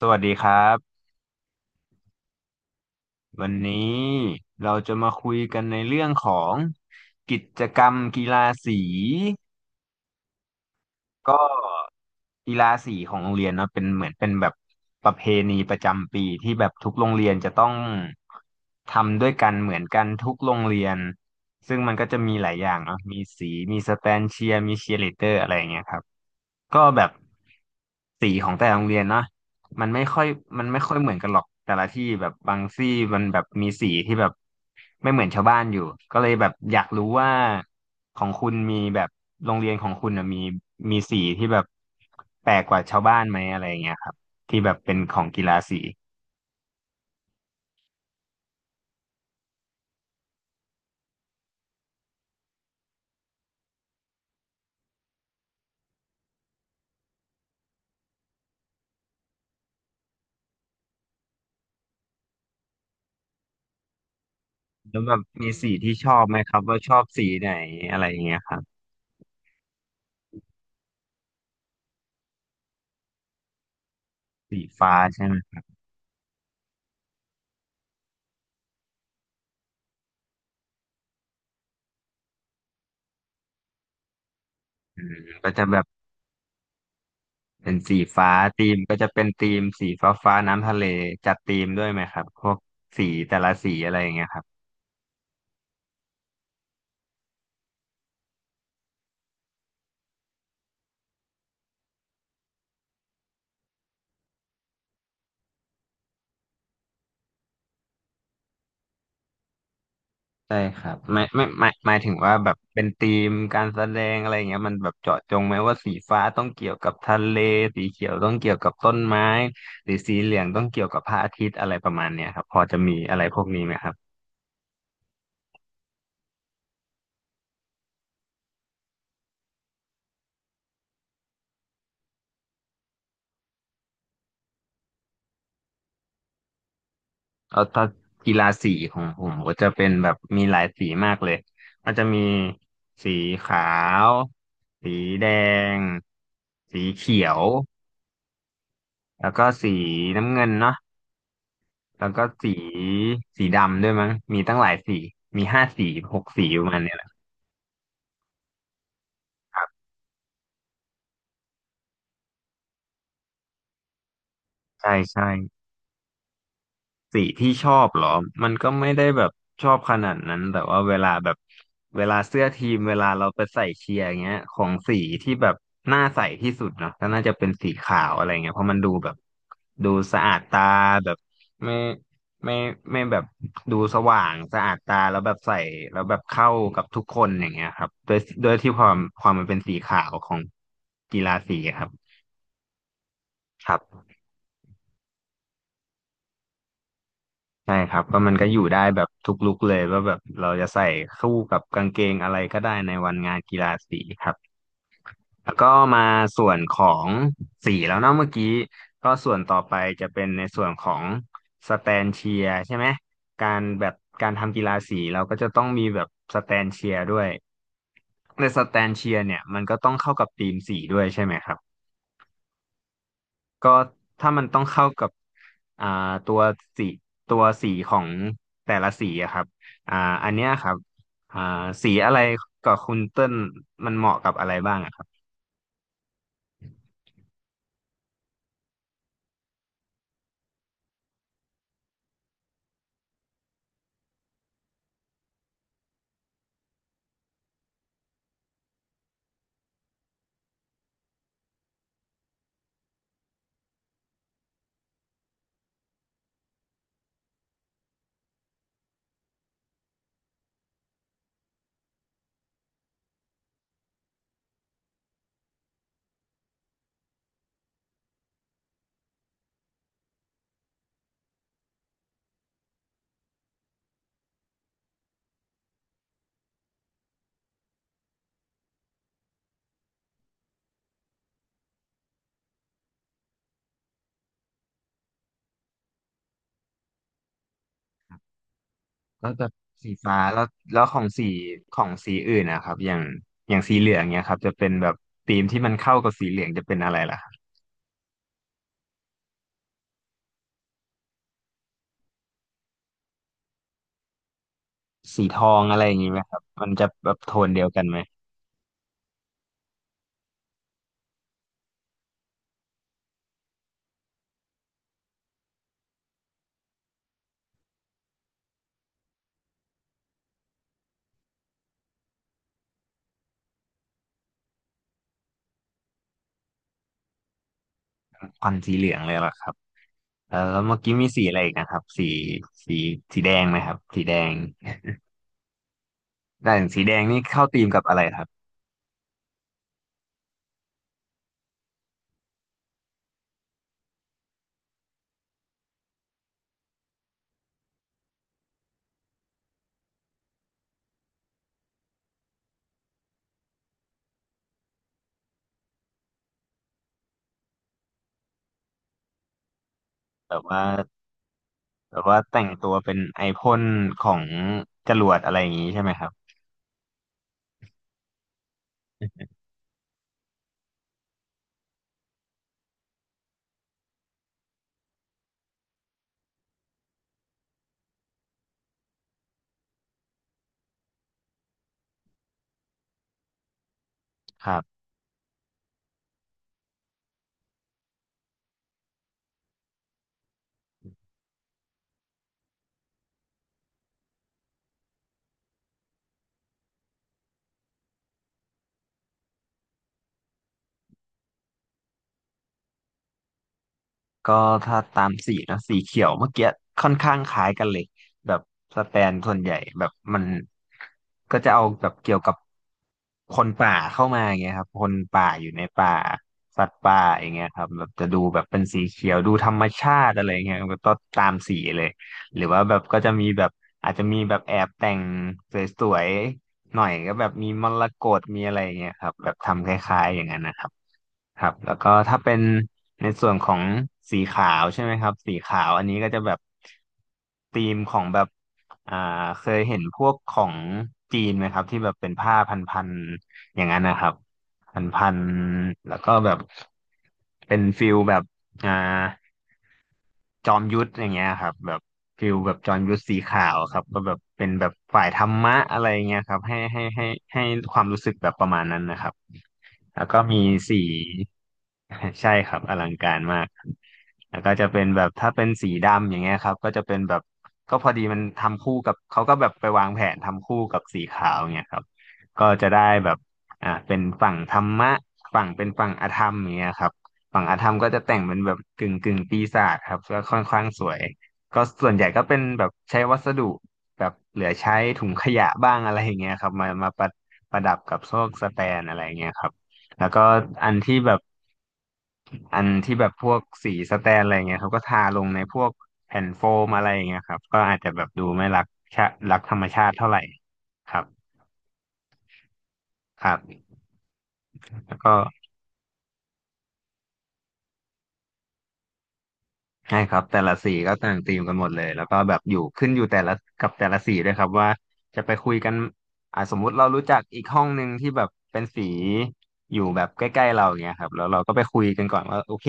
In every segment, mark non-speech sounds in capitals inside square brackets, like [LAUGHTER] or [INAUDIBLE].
สวัสดีครับวันนี้เราจะมาคุยกันในเรื่องของกิจกรรมกีฬาสีก็กีฬาสีของโรงเรียนเนอะเป็นเหมือนเป็นแบบประเพณีประจำปีที่แบบทุกโรงเรียนจะต้องทำด้วยกันเหมือนกันทุกโรงเรียนซึ่งมันก็จะมีหลายอย่างเนาะมีสีมีสแตนเชียร์มีเชียร์ลีดเดอร์อะไรอย่างเงี้ยครับ ก็แบบสีของแต่ละโรงเรียนนะมันไม่ค่อยมันไม่ค่อยเหมือนกันหรอกแต่ละที่แบบบางที่มันแบบมีสีที่แบบไม่เหมือนชาวบ้านอยู่ก็เลยแบบอยากรู้ว่าของคุณมีแบบโรงเรียนของคุณน่ะมีสีที่แบบแปลกกว่าชาวบ้านไหมอะไรอย่างเงี้ยครับที่แบบเป็นของกีฬาสีแล้วแบบมีสีที่ชอบไหมครับว่าชอบสีไหนอะไรอย่างเงี้ยครับสีฟ้าใช่ไหมอืมก็จะแบบ เป็นสีฟ้าธีมก็จะเป็นธีมสีฟ้าฟ้าน้ำทะเลจัดธีมด้วยไหมครับพวกสีแต่ละสีอะไรอย่างเงี้ยครับใช่ครับไม่ไม่ไม่หมายถึงว่าแบบเป็นธีมการแสดงอะไรอย่างเงี้ยมันแบบเจาะจงไหมว่าสีฟ้าต้องเกี่ยวกับทะเลสีเขียวต้องเกี่ยวกับต้นไม้หรือสีเหลืองต้องเกี่ยวกับพระอาทิตย์อะไรประมาณเนี้ยครับพอจะมีอะไรพวกนี้ไหมครับ เอาถ้ากีฬาสีของผมก็จะเป็นแบบมีหลายสีมากเลย มันจะมีสีขาว สีแดง สีเขียว แล้วก็สีน้ำเงินเนาะแล้วก็สีสีดำด้วยมั้งมีตั้งหลายสี มีห้าสีหกสีประมาณเนี้ยแหละครับ ใช่ใช่ สีที่ชอบเหรอ มันก็ไม่ได้แบบชอบขนาดนั้น แต่ว่าเวลาแบบเวลาเสื้อทีมเวลาเราไปใส่เชียร์อย่างเงี้ยของสีที่แบบน่าใส่ที่สุดเนาะก็น่าจะเป็นสีขาวอะไรเงี้ยเพราะมันดูแบบดูสะอาดตาแบบไม่ไม่ไม่แบบดูสว่างสะอาดตาแล้วแบบใส่แล้วแบบเข้ากับทุกคนอย่างเงี้ยครับโดยที่ความมันเป็นสีขาวของกีฬาสีครับครับ ใช่ครับก็มันก็อยู่ได้แบบทุกลุคเลยว่าแบบเราจะใส่คู่กับกางเกงอะไรก็ได้ในวันงานกีฬาสีครับแล้วก็มาส่วนของสีแล้วเนาะเมื่อกี้ก็ส่วนต่อไปจะเป็นในส่วนของสแตนเชียร์ใช่ไหมการแบบการทำกีฬาสีเราก็จะต้องมีแบบสแตนเชียร์ด้วยในสแตนเชียร์เนี่ยมันก็ต้องเข้ากับธีมสีด้วยใช่ไหมครับ ก็ถ้ามันต้องเข้ากับอ่าตัวสีตัวสีของแต่ละสีอะครับอ่าอันเนี้ยครับอ่าสีอะไรกับคุณเติ้ลมันเหมาะกับอะไรบ้างอะครับก็จะสีฟ้าแล้วของสีอื่นนะครับอย่างสีเหลืองเนี้ยครับจะเป็นแบบธีมที่มันเข้ากับสีเหลืองจะเป็นอะไรล่ะครับสีทองอะไรอย่างงี้ไหมครับมันจะแบบโทนเดียวกันไหมควันสีเหลืองเลยเหรอครับแล้วเมื่อกี้มีสีอะไรอีกนะครับสีสีแดงไหมครับสีแดง แต่งสีแดงนี่เข้าธีมกับอะไรครับแบบว่าแบบว่าแต่งตัวเป็นไอพ่นของจรวดอะไรอย่างนี้ใช่ไหมครับครับ ก็ถ้าตามสีนะสีเขียวเมื่อกี้ค่อนข้างคล้ายกันเลยแบบสแตนส่วนใหญ่แบบมันก็จะเอาแบบเกี่ยวกับคนป่าเข้ามาอย่างเงี้ยครับคนป่าอยู่ในป่าสัตว์ป่าอย่างเงี้ยครับแบบจะดูแบบเป็นสีเขียวดูธรรมชาติอะไรเงี้ยก็ตามสีเลยหรือว่าแบบก็จะมีแบบอาจจะมีแบบแอบแต่งสวย หน่อยก็แบบมีมรกตมีอะไรอย่างเงี้ยครับแบบทำคล้ายๆอย่างนั้นนะครับครับแล้วก็ถ้าเป็นในส่วนของสีขาวใช่ไหมครับสีขาวอันนี้ก็จะแบบธีมของแบบอ่าเคยเห็นพวกของจีนไหมครับที่แบบเป็นผ้าพันๆอย่างนั้นนะครับพันๆแล้วก็แบบเป็นฟิลแบบอ่า จอมยุทธอย่างเงี้ยครับแบบฟิลแบบจอมยุทธสีขาวครับก็แบบเป็นแบบฝ่ายธรรมะอะไรเงี้ยครับให้ความรู้สึกแบบประมาณนั้นนะครับ แล้วก็มีสี [LAUGHS] ใช่ครับอลังการมากแล้วก็จะเป็นแบบถ้าเป็นสีดำอย่างเงี้ยครับก็จะเป็นแบบก็พอดีมันทำคู่กับเขาก็แบบไปวางแผนทำคู่กับสีขาวเงี้ยครับก็จะได้แบบเป็นฝั่งธรรมะฝั่งเป็นฝั่งอธรรมอย่างเงี้ยครับฝั่งอธรรมก็จะแต่งเป็นแบบกึ่งปีศาจครับก็ค่อนข้างสวยก็ส่วนใหญ่ก็เป็นแบบใช้วัสดุแบบเหลือใช้ถุงขยะบ้างอะไรอย่างเงี้ยครับมาประดับกับพวกสแตนอะไรอย่างเงี้ยครับ แล้วก็อันที่แบบอันที่แบบพวกสีสแตนอะไรเงี้ยเขาก็ทาลงในพวกแผ่นโฟมอะไรอย่างเงี้ยครับก็อาจจะแบบดูไม่รักรักธรรมชาติเท่าไหร่ครับครับแล้วก็ ใช่ครับแต่ละสีก็ต่างธีมกันหมดเลยแล้วก็แบบอยู่ขึ้นอยู่แต่ละกับแต่ละสีด้วยครับว่าจะไปคุยกันสมมุติเรารู้จักอีกห้องหนึ่งที่แบบเป็นสีอยู่แบบใกล้ๆเราอย่างเงี้ยครับแล้วเราก็ไปคุยกันก่อนว่าโอเค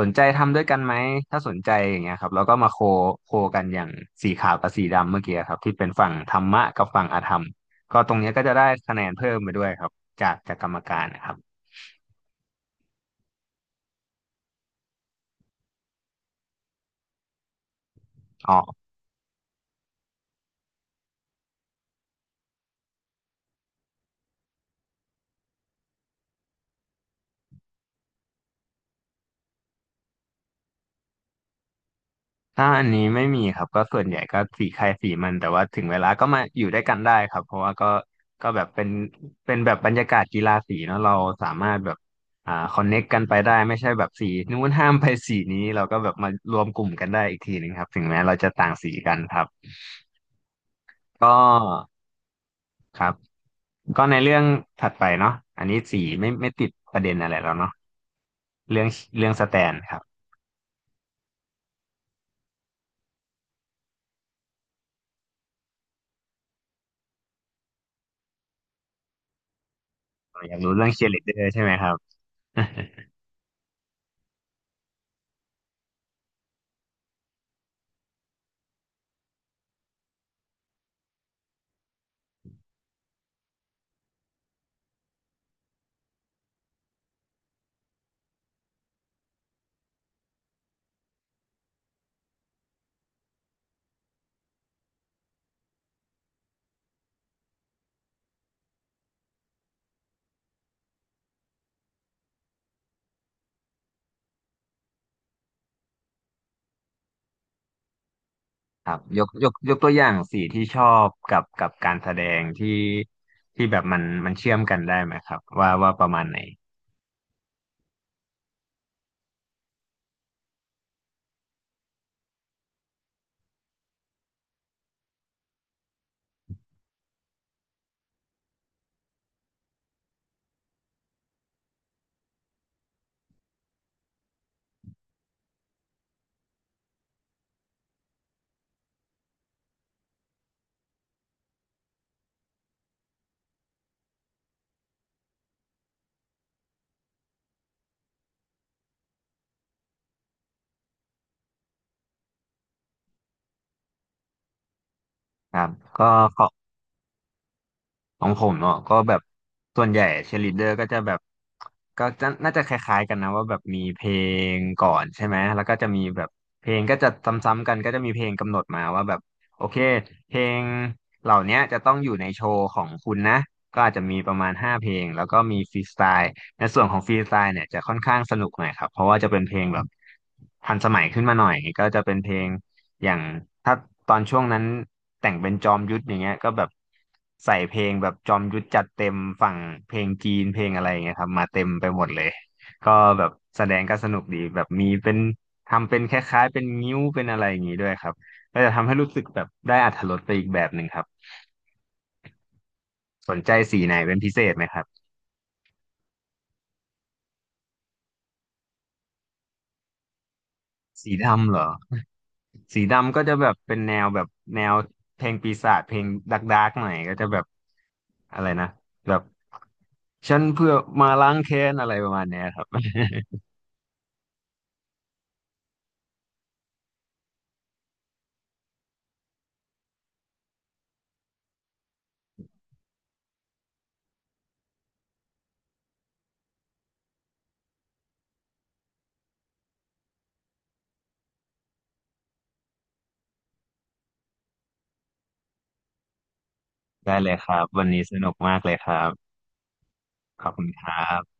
สนใจทำด้วยกันไหมถ้าสนใจอย่างเงี้ยครับแล้วก็มาโคกันอย่างสีขาวกับสีดำเมื่อกี้ครับที่เป็นฝั่งธรรมะกับฝั่งอธรรมก็ตรงเนี้ยก็จะได้คะแนนเพิ่มไปด้วยครับจากกรรมการนะครับอ๋อ ถ้าอันนี้ไม่มีครับก็ส่วนใหญ่ก็สีใครสีมันแต่ว่าถึงเวลาก็มาอยู่ด้วยกันได้ครับเพราะว่าก็ก็แบบเป็นเป็นแบบบรรยากาศกีฬาสีเนาะเราสามารถแบบคอนเน็กกันไปได้ไม่ใช่แบบสีนู้นห้ามไปสีนี้เราก็แบบมารวมกลุ่มกันได้อีกทีหนึ่งครับถึงแม้เราจะต่างสีกันครับก็ครับก็ในเรื่องถัดไปเนาะอันนี้สีไม่ติดประเด็นอะไรแล้วเนาะเรื่องเรื่องสแตนครับอยากรู้เรื่องเชียร์ลีดเดอร์ใช่ไหมครับ ครับยกตัวอย่างสีที่ชอบกับการแสดงที่แบบมันเชื่อมกันได้ไหมครับว่าประมาณไหนครับก็ขอ ของผมเนาะก็แบบส่วนใหญ่เชียร์ลีดเดอร์ก็จะแบบก็จะน่าจะคล้ายๆกันนะว่าแบบมีเพลงก่อนใช่ไหมแล้วก็จะมีแบบเพลงก็จะซ้ำๆกันก็จะมีเพลงกำหนดมาว่าแบบโอเคเพลงเหล่าเนี้ยจะต้องอยู่ในโชว์ของคุณนะก็อาจจะมีประมาณ5 เพลงแล้วก็มีฟรีสไตล์ในส่วนของฟรีสไตล์เนี่ยจะค่อนข้างสนุกหน่อยครับเพราะว่าจะเป็นเพลงแบบทันสมัยขึ้นมาหน่อยก็จะเป็นเพลง อย่างถ้าตอนช่วงนั้นแต่งเป็นจอมยุทธอย่างเงี้ยก็แบบใส่เพลงแบบจอมยุทธจัดเต็มฝั่งเพลงจีนเพลงอะไรอย่างเงี้ยครับมาเต็มไปหมดเลยก็แบบแสดงก็สนุกดีแบบมีเป็นทำเป็นคล้ายๆเป็นงิ้วเป็นอะไรอย่างงี้ด้วยครับก็จะทำให้รู้สึกแบบได้อรรถรสไปอีกแบบหนึ่งครับสนใจสีไหนเป็นพิเศษไหมครับสีดำเหรอสีดำก็จะแบบเป็นแนวแบบแนวเพลงปีศาจเพลงดาร์กหน่อยก็จะแบบ อะไรนะแบบฉันเพื่อมาล้างแค้นอะไรประมาณเนี้ยครับได้เลยครับวันนี้สนุกมากเลยครับขอบคุณครับ